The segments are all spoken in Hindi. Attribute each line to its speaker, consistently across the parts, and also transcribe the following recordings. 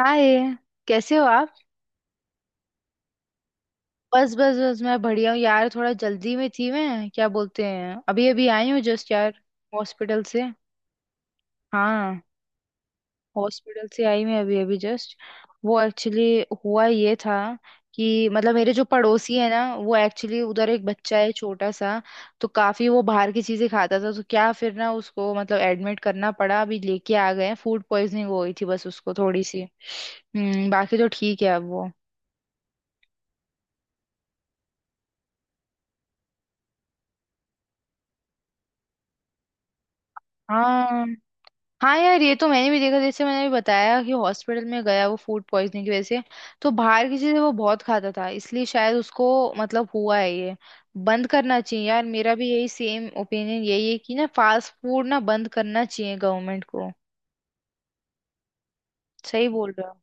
Speaker 1: हाय। कैसे हो आप? बस बस बस मैं बढ़िया हूँ यार, थोड़ा जल्दी में थी। मैं क्या बोलते हैं, अभी अभी आई हूँ जस्ट यार, हॉस्पिटल से। हाँ, हॉस्पिटल से आई मैं अभी अभी जस्ट। वो एक्चुअली हुआ ये था कि, मतलब मेरे जो पड़ोसी है ना, वो एक्चुअली उधर एक बच्चा है छोटा सा, तो काफी वो बाहर की चीजें खाता था, तो क्या फिर ना उसको मतलब एडमिट करना पड़ा, अभी लेके आ गए हैं। फूड पॉइजनिंग हो गई थी बस उसको थोड़ी सी। हम्म, बाकी तो ठीक है अब वो। हाँ हाँ यार, ये तो मैंने भी देखा, जैसे मैंने भी बताया कि हॉस्पिटल में गया वो फूड पॉइजनिंग की वजह से। तो बाहर की चीजें वो बहुत खाता था, इसलिए शायद उसको मतलब हुआ है ये। बंद करना चाहिए यार, मेरा भी यही सेम ओपिनियन यही है कि ना, फास्ट फूड ना बंद करना चाहिए गवर्नमेंट को। सही बोल रहे हो।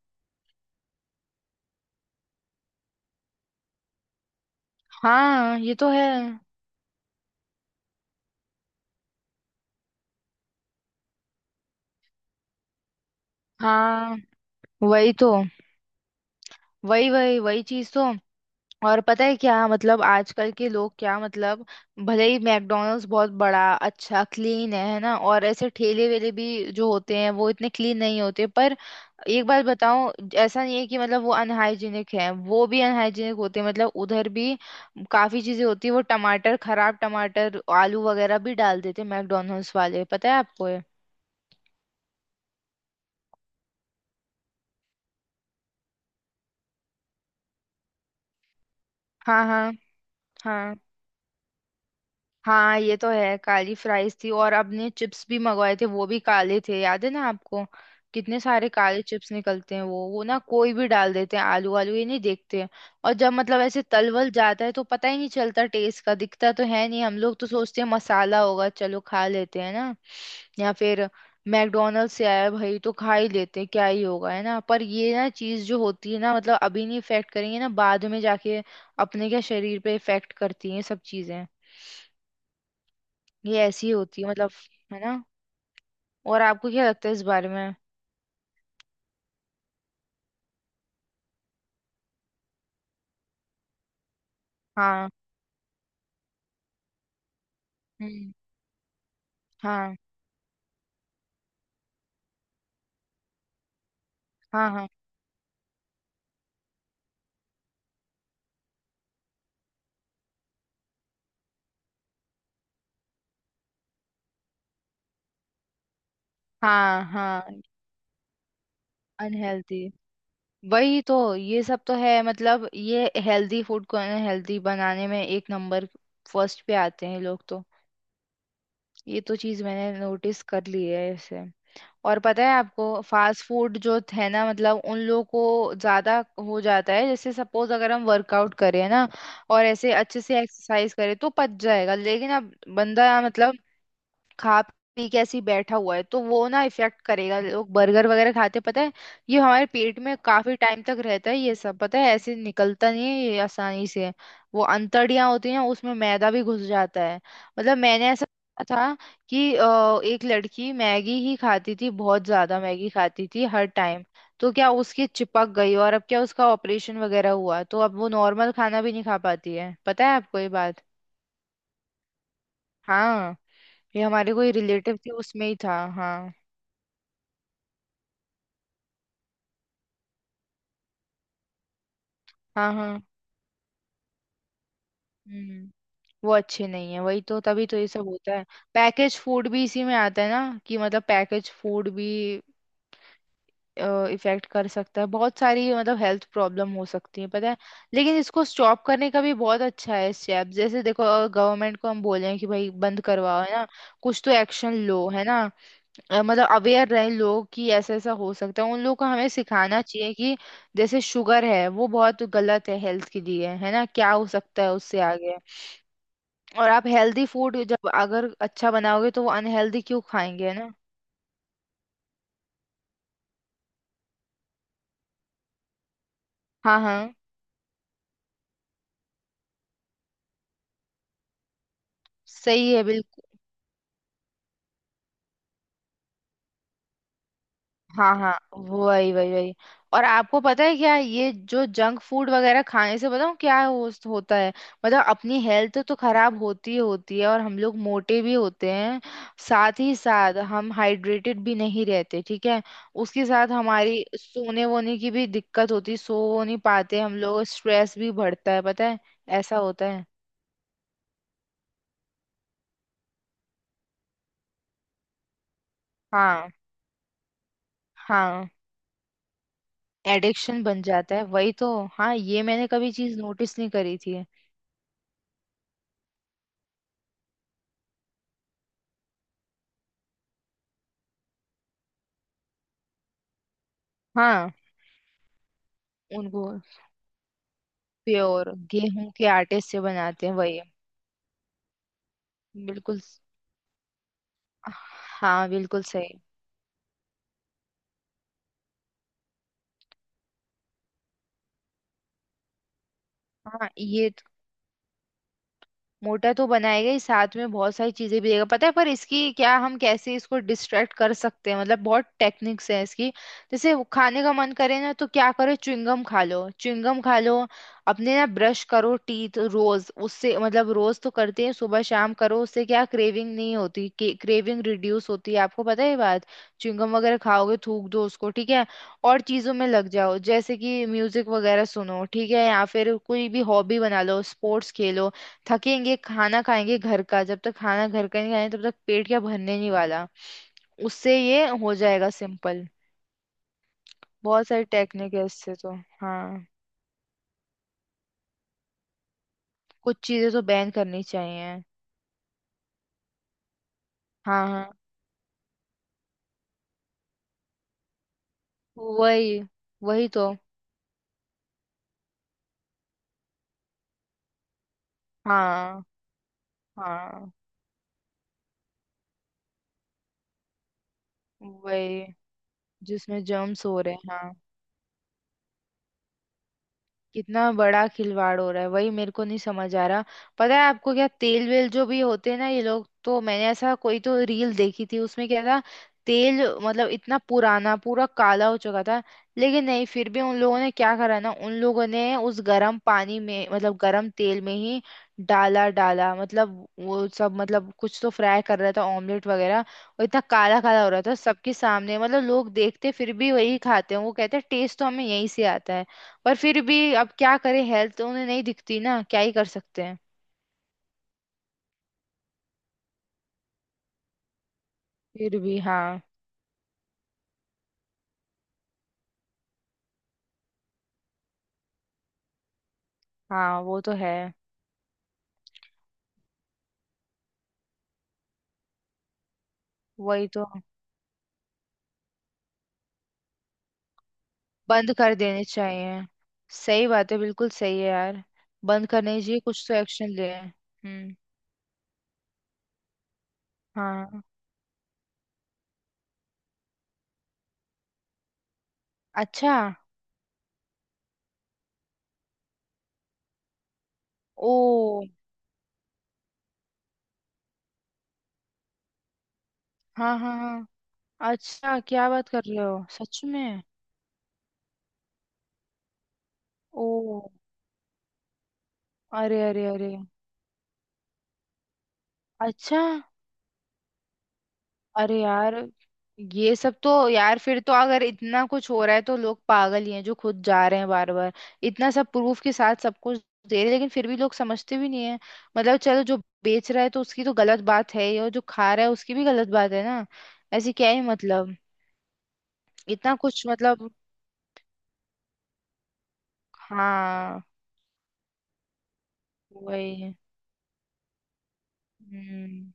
Speaker 1: हाँ ये तो है। हाँ। वही तो। वही वही वही चीज तो। और पता है क्या, मतलब आजकल के लोग, क्या मतलब, भले ही मैकडॉनल्ड्स बहुत बड़ा अच्छा क्लीन है ना, और ऐसे ठेले वेले भी जो होते हैं वो इतने क्लीन नहीं होते, पर एक बात बताऊं, ऐसा नहीं है कि मतलब वो अनहाइजीनिक है। वो भी अनहाइजीनिक होते हैं, मतलब उधर भी काफी चीजें होती है। वो टमाटर, खराब टमाटर, आलू वगैरह भी डाल देते हैं मैकडॉनल्ड्स वाले, पता है आपको ये? हाँ हाँ। हाँ हाँ ये तो है, काली फ्राइज थी, और आपने चिप्स भी मंगवाए थे, वो भी काले थे, याद है ना आपको? कितने सारे काले चिप्स निकलते हैं। वो ना कोई भी डाल देते हैं आलू, आलू ये नहीं देखते हैं। और जब मतलब ऐसे तलवल जाता है तो पता ही नहीं चलता टेस्ट का, दिखता तो है नहीं, हम लोग तो सोचते हैं मसाला होगा, चलो खा लेते हैं ना। या फिर मैकडोनल्ड से आया भाई तो खा ही लेते हैं, क्या ही होगा, है ना। पर ये ना चीज जो होती है ना, मतलब अभी नहीं इफेक्ट करेंगे, ना बाद में जाके अपने क्या शरीर पे इफेक्ट करती है सब चीजें। ये ऐसी होती है मतलब, है ना। और आपको क्या लगता है इस बारे में? हाँ। हम्म। हाँ हाँ। हाँ हाँ। हाँ। अनहेल्दी। वही तो, ये सब तो है मतलब, ये हेल्दी फूड को अनहेल्दी बनाने में एक नंबर फर्स्ट पे आते हैं ये लोग तो। ये तो चीज मैंने नोटिस कर ली है ऐसे। और पता है आपको फास्ट फूड जो है ना, मतलब उन लोगों को ज्यादा हो जाता है। जैसे सपोज अगर हम वर्कआउट करें ना, और ऐसे अच्छे से एक्सरसाइज करें तो पच जाएगा। लेकिन अब बंदा मतलब खा पी के ऐसे ही बैठा हुआ है तो वो ना इफेक्ट करेगा। लोग बर्गर वगैरह खाते, पता है, ये हमारे पेट में काफी टाइम तक रहता है ये सब, पता है, ऐसे निकलता नहीं है ये आसानी से। वो अंतड़ियां होती हैं उसमें मैदा भी घुस जाता है। मतलब मैंने ऐसा देखा था कि एक लड़की मैगी ही खाती थी, बहुत ज्यादा मैगी खाती थी हर टाइम। तो क्या, उसकी चिपक गई, और अब क्या उसका ऑपरेशन वगैरह हुआ, तो अब वो नॉर्मल खाना भी नहीं खा पाती है, पता है आपको ये बात? हाँ ये हमारे कोई रिलेटिव थे, उसमें ही था हाँ। हाँ। हम्म। वो अच्छे नहीं है, वही तो, तभी तो ये सब होता है। पैकेज फूड भी इसी में आता है ना, कि मतलब पैकेज फूड भी इफेक्ट कर सकता है, बहुत सारी मतलब हेल्थ प्रॉब्लम हो सकती है पता है। लेकिन इसको स्टॉप करने का भी बहुत अच्छा है स्टेप, जैसे देखो गवर्नमेंट को हम बोलें कि भाई बंद करवाओ, है ना। कुछ तो एक्शन लो, है ना। मतलब अवेयर रहे लोग कि ऐसा ऐसा हो सकता है, उन लोगों को हमें सिखाना चाहिए कि जैसे शुगर है वो बहुत गलत है हेल्थ के लिए, है ना, क्या हो सकता है उससे आगे। और आप हेल्दी फूड जब अगर अच्छा बनाओगे तो वो अनहेल्दी क्यों खाएंगे, है ना। हाँ हाँ। सही है बिल्कुल। हाँ हाँ। वही वही वही। और आपको पता है क्या, ये जो जंक फूड वगैरह खाने से बताऊँ क्या होता है? मतलब अपनी हेल्थ तो खराब होती ही होती है और हम लोग मोटे भी होते हैं। साथ ही साथ हम हाइड्रेटेड भी नहीं रहते, ठीक है। उसके साथ हमारी सोने वोने की भी दिक्कत होती, सो वो नहीं पाते हम लोग, स्ट्रेस भी बढ़ता है पता है। ऐसा होता है। हाँ। हाँ एडिक्शन बन जाता है, वही तो। हाँ ये मैंने कभी चीज नोटिस नहीं करी थी। हाँ उनको। प्योर गेहूं के आटे से बनाते हैं, वही। बिल्कुल। हाँ बिल्कुल सही। हाँ ये मोटा तो बनाएगा ही, साथ में बहुत सारी चीजें भी देगा पता है। पर इसकी क्या, हम कैसे इसको डिस्ट्रैक्ट कर सकते हैं, मतलब बहुत टेक्निक्स है इसकी। जैसे वो खाने का मन करे ना तो क्या करो, च्युइंगम खा लो। अपने ना ब्रश करो टीथ रोज, उससे मतलब रोज तो करते हैं, सुबह शाम करो, उससे क्या क्रेविंग नहीं होती, क्रेविंग रिड्यूस होती है, आपको पता है ये बात? च्युइंगम वगैरह खाओगे, थूक दो उसको, ठीक है। और चीजों में लग जाओ, जैसे कि म्यूजिक वगैरह सुनो, ठीक है, या फिर कोई भी हॉबी बना लो, स्पोर्ट्स खेलो। थकेंगे खाना खाएंगे घर का, जब तक खाना घर का नहीं खाएंगे तब तक पेट क्या भरने नहीं वाला। उससे ये हो जाएगा सिंपल। बहुत सारी टेक्निक है इससे तो। हाँ, कुछ चीजें तो बैन करनी चाहिए। हाँ हाँ। वही। वही तो। हाँ हाँ। वही जिसमें जर्म्स हो रहे हैं हाँ। कितना बड़ा खिलवाड़ हो रहा है, वही मेरे को नहीं समझ आ रहा। पता है आपको क्या, तेल वेल जो भी होते हैं ना, ये लोग, तो मैंने ऐसा कोई तो रील देखी थी, उसमें क्या था, तेल मतलब इतना पुराना पूरा काला हो चुका था। लेकिन नहीं, फिर भी उन लोगों ने क्या करा ना, उन लोगों ने उस गर्म पानी में, मतलब गर्म तेल में ही डाला डाला मतलब वो सब, मतलब कुछ तो फ्राई कर रहा था, ऑमलेट वगैरह, और इतना काला काला हो रहा था सबके सामने, मतलब लोग देखते फिर भी वही खाते हैं। वो कहते हैं टेस्ट तो हमें यहीं से आता है। पर फिर भी अब क्या करें, हेल्थ तो उन्हें नहीं दिखती ना, क्या ही कर सकते हैं। फिर भी हाँ। हाँ वो तो है। वही तो, बंद कर देने चाहिए। सही बात है, बिल्कुल सही है यार। बंद करने चाहिए, कुछ तो एक्शन ले। हम्म। हाँ। अच्छा। ओ। हाँ हाँ हाँ। अच्छा, क्या बात कर रहे हो सच में? ओ। अरे अरे अरे। अच्छा। अरे यार। ये सब तो यार, फिर तो अगर इतना कुछ हो रहा है तो लोग पागल ही हैं, जो खुद जा रहे हैं बार बार। इतना सब प्रूफ के साथ सब कुछ दे रहे हैं, लेकिन फिर भी लोग समझते भी नहीं है। मतलब चलो, जो बेच रहा है तो उसकी तो गलत बात है ही, और जो खा रहा है उसकी भी गलत बात है ना। ऐसे क्या ही मतलब। इतना कुछ मतलब, हाँ। वही। हम्म।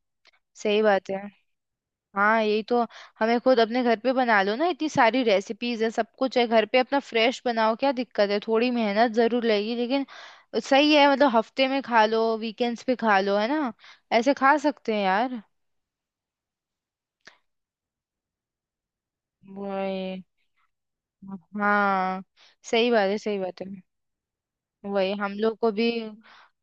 Speaker 1: सही बात है। हाँ यही तो। हमें खुद अपने घर पे बना लो ना, इतनी सारी रेसिपीज है, सब कुछ है घर पे, अपना फ्रेश बनाओ, क्या दिक्कत है, थोड़ी मेहनत जरूर लगेगी लेकिन सही है। मतलब हफ्ते में खा लो, वीकेंड्स पे खा लो, है ना। ऐसे खा सकते हैं यार। वही। हाँ सही बात है, सही बात है। वही हम लोग को भी,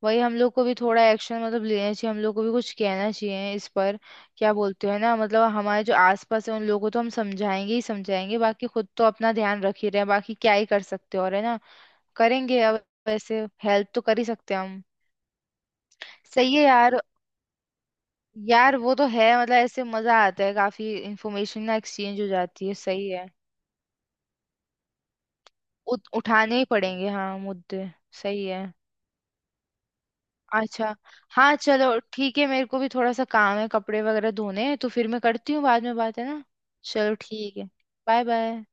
Speaker 1: वही हम लोग को भी थोड़ा एक्शन मतलब लेना चाहिए, हम लोग को भी कुछ कहना चाहिए इस पर। क्या बोलते हैं ना, मतलब हमारे जो आसपास है उन लोगों को तो हम समझाएंगे ही समझाएंगे, बाकी खुद तो अपना ध्यान रख ही रहे हैं, बाकी क्या ही कर सकते हैं और, है ना। करेंगे, अब वैसे हेल्प तो कर ही सकते हैं हम। सही है यार। यार वो तो है मतलब, ऐसे मजा आता है, काफी इंफॉर्मेशन ना एक्सचेंज हो जाती है, सही है। उठाने ही पड़ेंगे हाँ मुद्दे। सही है। अच्छा हाँ, चलो ठीक है, मेरे को भी थोड़ा सा काम है, कपड़े वगैरह धोने हैं, तो फिर मैं करती हूँ बाद में बात, है ना। चलो ठीक है। Bye bye.